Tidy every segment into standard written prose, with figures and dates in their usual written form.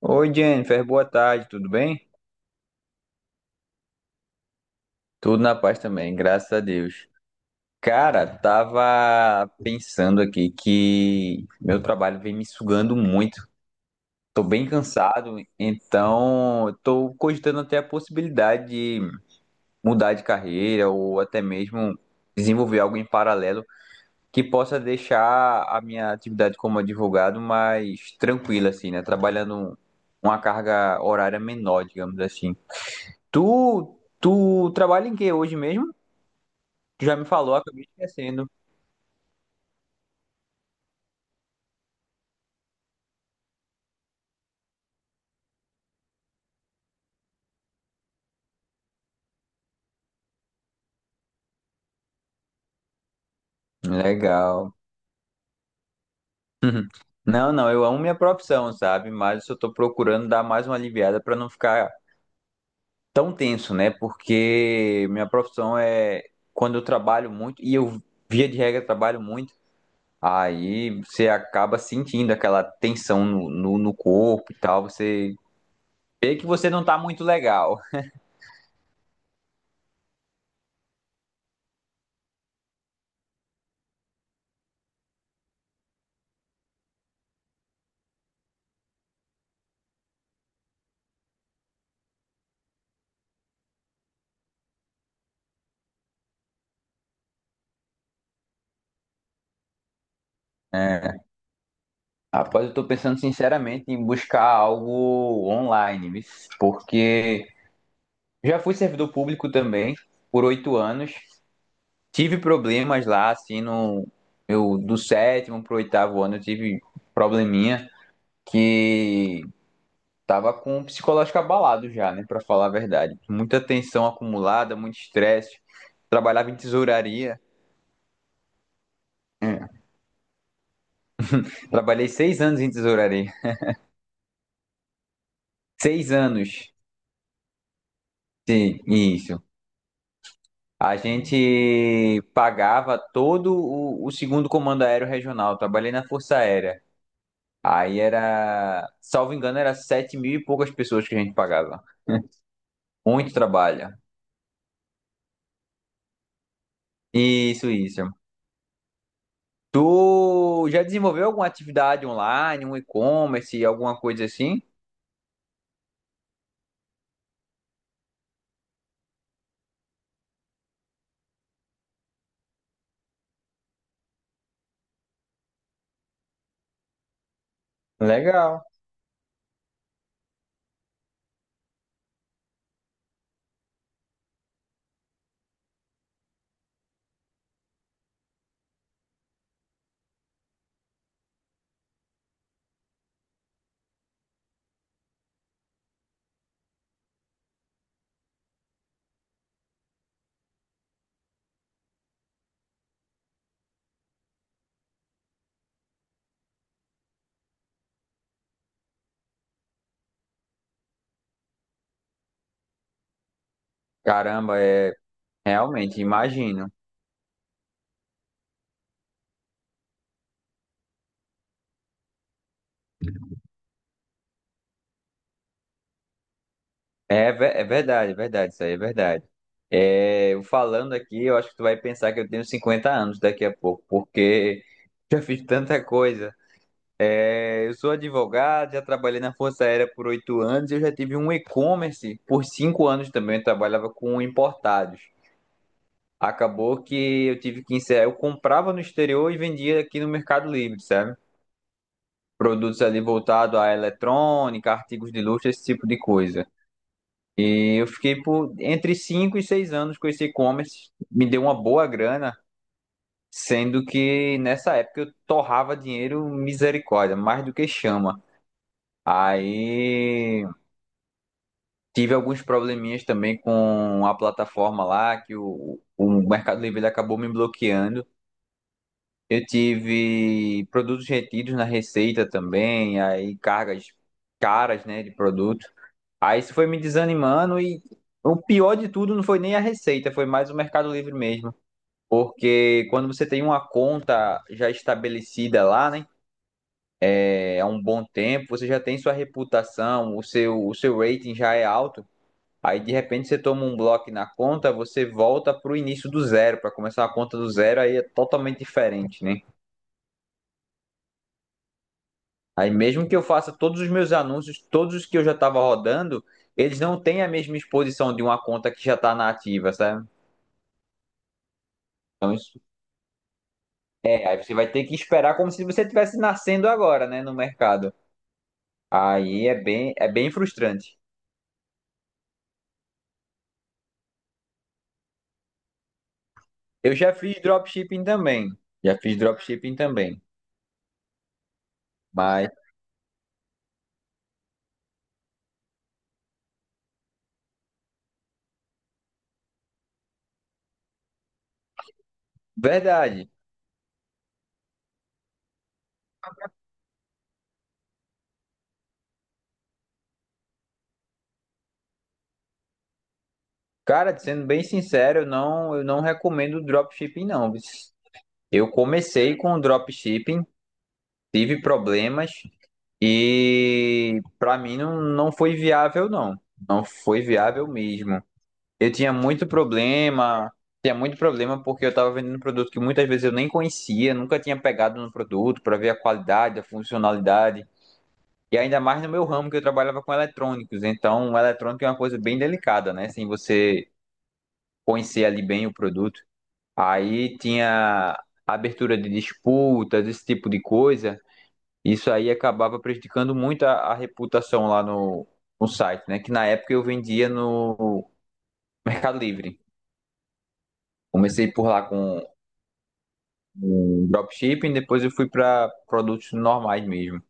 Oi, Jennifer, boa tarde, tudo bem? Tudo na paz também, graças a Deus. Cara, tava pensando aqui que meu trabalho vem me sugando muito. Tô bem cansado, então tô cogitando até a possibilidade de mudar de carreira ou até mesmo desenvolver algo em paralelo que possa deixar a minha atividade como advogado mais tranquila, assim, né? Trabalhando uma carga horária menor, digamos assim. Tu trabalha em que hoje mesmo? Tu já me falou, acabei esquecendo. Legal. Não, não, eu amo minha profissão, sabe? Mas eu só tô procurando dar mais uma aliviada pra não ficar tão tenso, né? Porque minha profissão é quando eu trabalho muito e eu via de regra trabalho muito, aí você acaba sentindo aquela tensão no corpo e tal, você vê que você não tá muito legal. É. Rapaz, eu tô pensando sinceramente em buscar algo online, porque já fui servidor público também por 8 anos. Tive problemas lá, assim, no eu do sétimo pro oitavo ano eu tive probleminha que tava com o psicológico abalado já, né, pra falar a verdade. Muita tensão acumulada, muito estresse. Trabalhava em tesouraria. É, trabalhei 6 anos em tesouraria. 6 anos. Sim, isso. A gente pagava todo o segundo comando aéreo regional. Trabalhei na Força Aérea. Aí era, salvo engano, era 7 mil e poucas pessoas que a gente pagava. Muito trabalho. Isso, isso. Tu já desenvolveu alguma atividade online, um e-commerce, alguma coisa assim? Legal. Caramba, é realmente, imagino. É, é verdade, isso aí é verdade. É, eu falando aqui, eu acho que tu vai pensar que eu tenho 50 anos daqui a pouco, porque já fiz tanta coisa. É, eu sou advogado, já trabalhei na Força Aérea por 8 anos, eu já tive um e-commerce por 5 anos também, eu trabalhava com importados. Acabou que eu tive que encerrar, eu comprava no exterior e vendia aqui no Mercado Livre, sabe? Produtos ali voltados à eletrônica, artigos de luxo, esse tipo de coisa. E eu fiquei por entre 5 e 6 anos com esse e-commerce, me deu uma boa grana, sendo que nessa época eu torrava dinheiro misericórdia, mais do que chama. Aí tive alguns probleminhas também com a plataforma lá, que o Mercado Livre ele acabou me bloqueando. Eu tive produtos retidos na receita também, aí cargas caras, né, de produto. Aí isso foi me desanimando e o pior de tudo não foi nem a receita, foi mais o Mercado Livre mesmo. Porque quando você tem uma conta já estabelecida lá, né, há um bom tempo, você já tem sua reputação, o seu rating já é alto. Aí de repente você toma um bloco na conta, você volta pro início do zero, para começar a conta do zero, aí é totalmente diferente, né? Aí mesmo que eu faça todos os meus anúncios, todos os que eu já estava rodando, eles não têm a mesma exposição de uma conta que já está na ativa, sabe? Então, isso. É, aí você vai ter que esperar como se você estivesse nascendo agora, né, no mercado. Aí é bem frustrante. Eu já fiz dropshipping também. Já fiz dropshipping também. Mas, verdade. Cara, sendo bem sincero, eu não recomendo dropshipping, não. Eu comecei com dropshipping, tive problemas e pra mim não, não foi viável, não. Não foi viável mesmo. Eu tinha muito problema porque eu estava vendendo um produto que muitas vezes eu nem conhecia, nunca tinha pegado no produto para ver a qualidade, a funcionalidade, e ainda mais no meu ramo que eu trabalhava com eletrônicos. Então, o eletrônico é uma coisa bem delicada, né? Sem você conhecer ali bem o produto. Aí tinha abertura de disputas, esse tipo de coisa. Isso aí acabava prejudicando muito a reputação lá no site, né? Que na época eu vendia no Mercado Livre. Comecei por lá com em dropshipping, depois eu fui para produtos normais mesmo.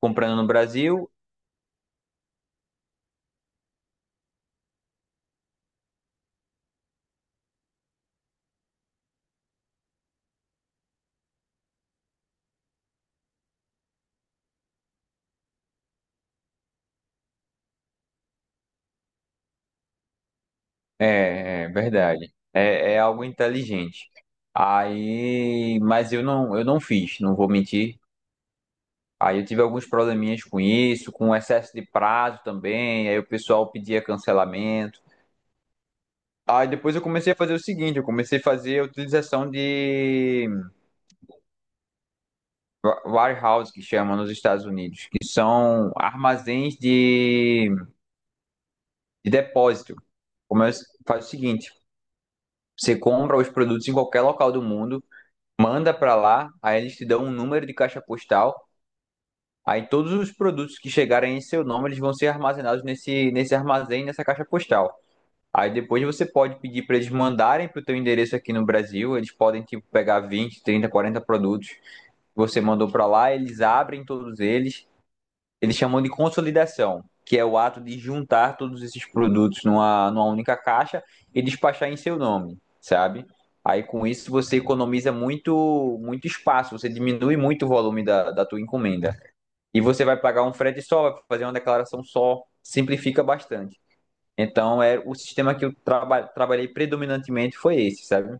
Comprando no Brasil, é verdade. É algo inteligente. Aí, mas eu não fiz, não vou mentir. Aí eu tive alguns probleminhas com isso, com excesso de prazo também. Aí o pessoal pedia cancelamento. Aí depois eu comecei a fazer o seguinte, eu comecei a fazer a utilização de warehouse, que chama nos Estados Unidos, que são armazéns de depósito. Começa, faz o seguinte: você compra os produtos em qualquer local do mundo, manda para lá, aí eles te dão um número de caixa postal. Aí todos os produtos que chegarem em seu nome, eles vão ser armazenados nesse armazém, nessa caixa postal. Aí depois você pode pedir para eles mandarem para o teu endereço aqui no Brasil, eles podem tipo pegar 20, 30, 40 produtos que você mandou para lá, eles abrem todos eles chamam de consolidação, que é o ato de juntar todos esses produtos numa única caixa e despachar em seu nome, sabe? Aí com isso você economiza muito, muito espaço, você diminui muito o volume da tua encomenda. E você vai pagar um frete só, vai fazer uma declaração só, simplifica bastante. Então, é o sistema que eu trabalhei predominantemente foi esse, sabe?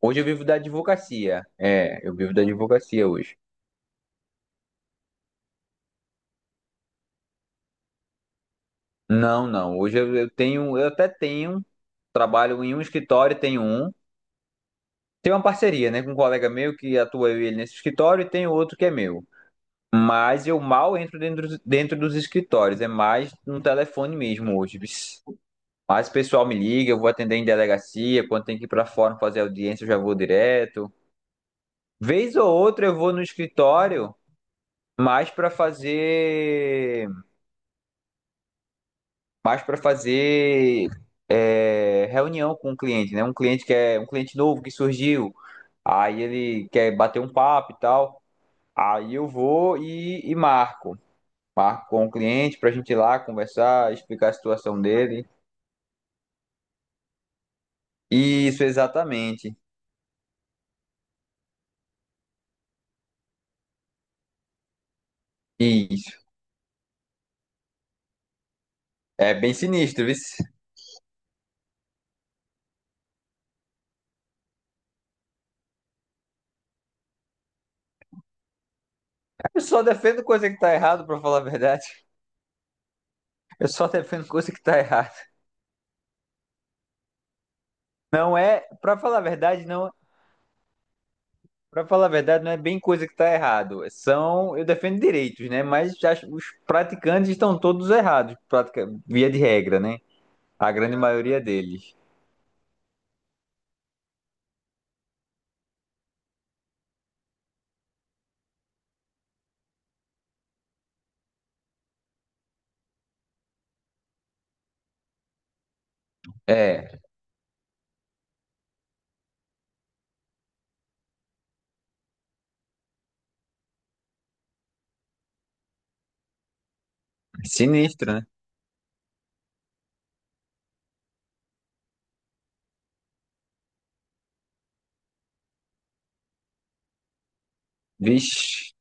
Hoje eu vivo da advocacia. É, eu vivo da advocacia hoje. Não, não. Hoje eu tenho, eu até tenho trabalho em um escritório, tenho um. Tem uma parceria, né, com um colega meu que atua eu e ele nesse escritório e tem outro que é meu. Mas eu mal entro dentro dos escritórios, é mais no telefone mesmo hoje. Bis. Mas o pessoal me liga, eu vou atender em delegacia, quando tem que ir para fora fazer audiência, eu já vou direto. Vez ou outra eu vou no escritório, mais para fazer, mais para fazer, reunião com o cliente, né? Um cliente que é um cliente novo que surgiu. Aí ele quer bater um papo e tal. Aí eu vou e marco. Marco com o cliente pra gente ir lá conversar, explicar a situação dele. Isso, exatamente. Isso. É bem sinistro, viu? Eu só defendo coisa que tá errado, pra falar a verdade. Eu só defendo coisa que tá errada. Não é, pra falar a verdade, não. Para falar a verdade, não é bem coisa que tá errado. Eu defendo direitos, né? Mas os praticantes estão todos errados, via de regra, né? A grande maioria deles. É. Sinistro, né? Vixe,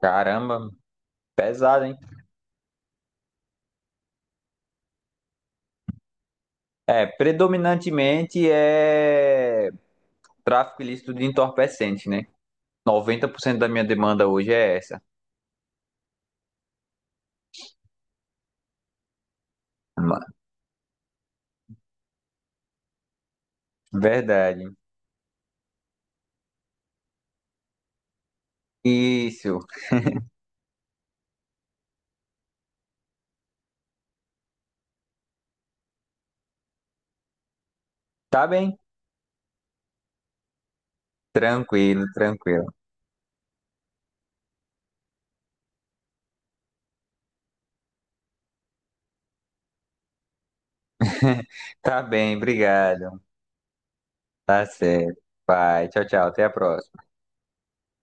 caramba, pesado, hein? É, predominantemente é tráfico ilícito de entorpecente, né? 90% da minha demanda hoje é essa. Ma- Verdade. Isso. Tá bem? Tranquilo, tranquilo. Tá bem, obrigado. Tá certo. Vai, tchau, tchau. Até a próxima.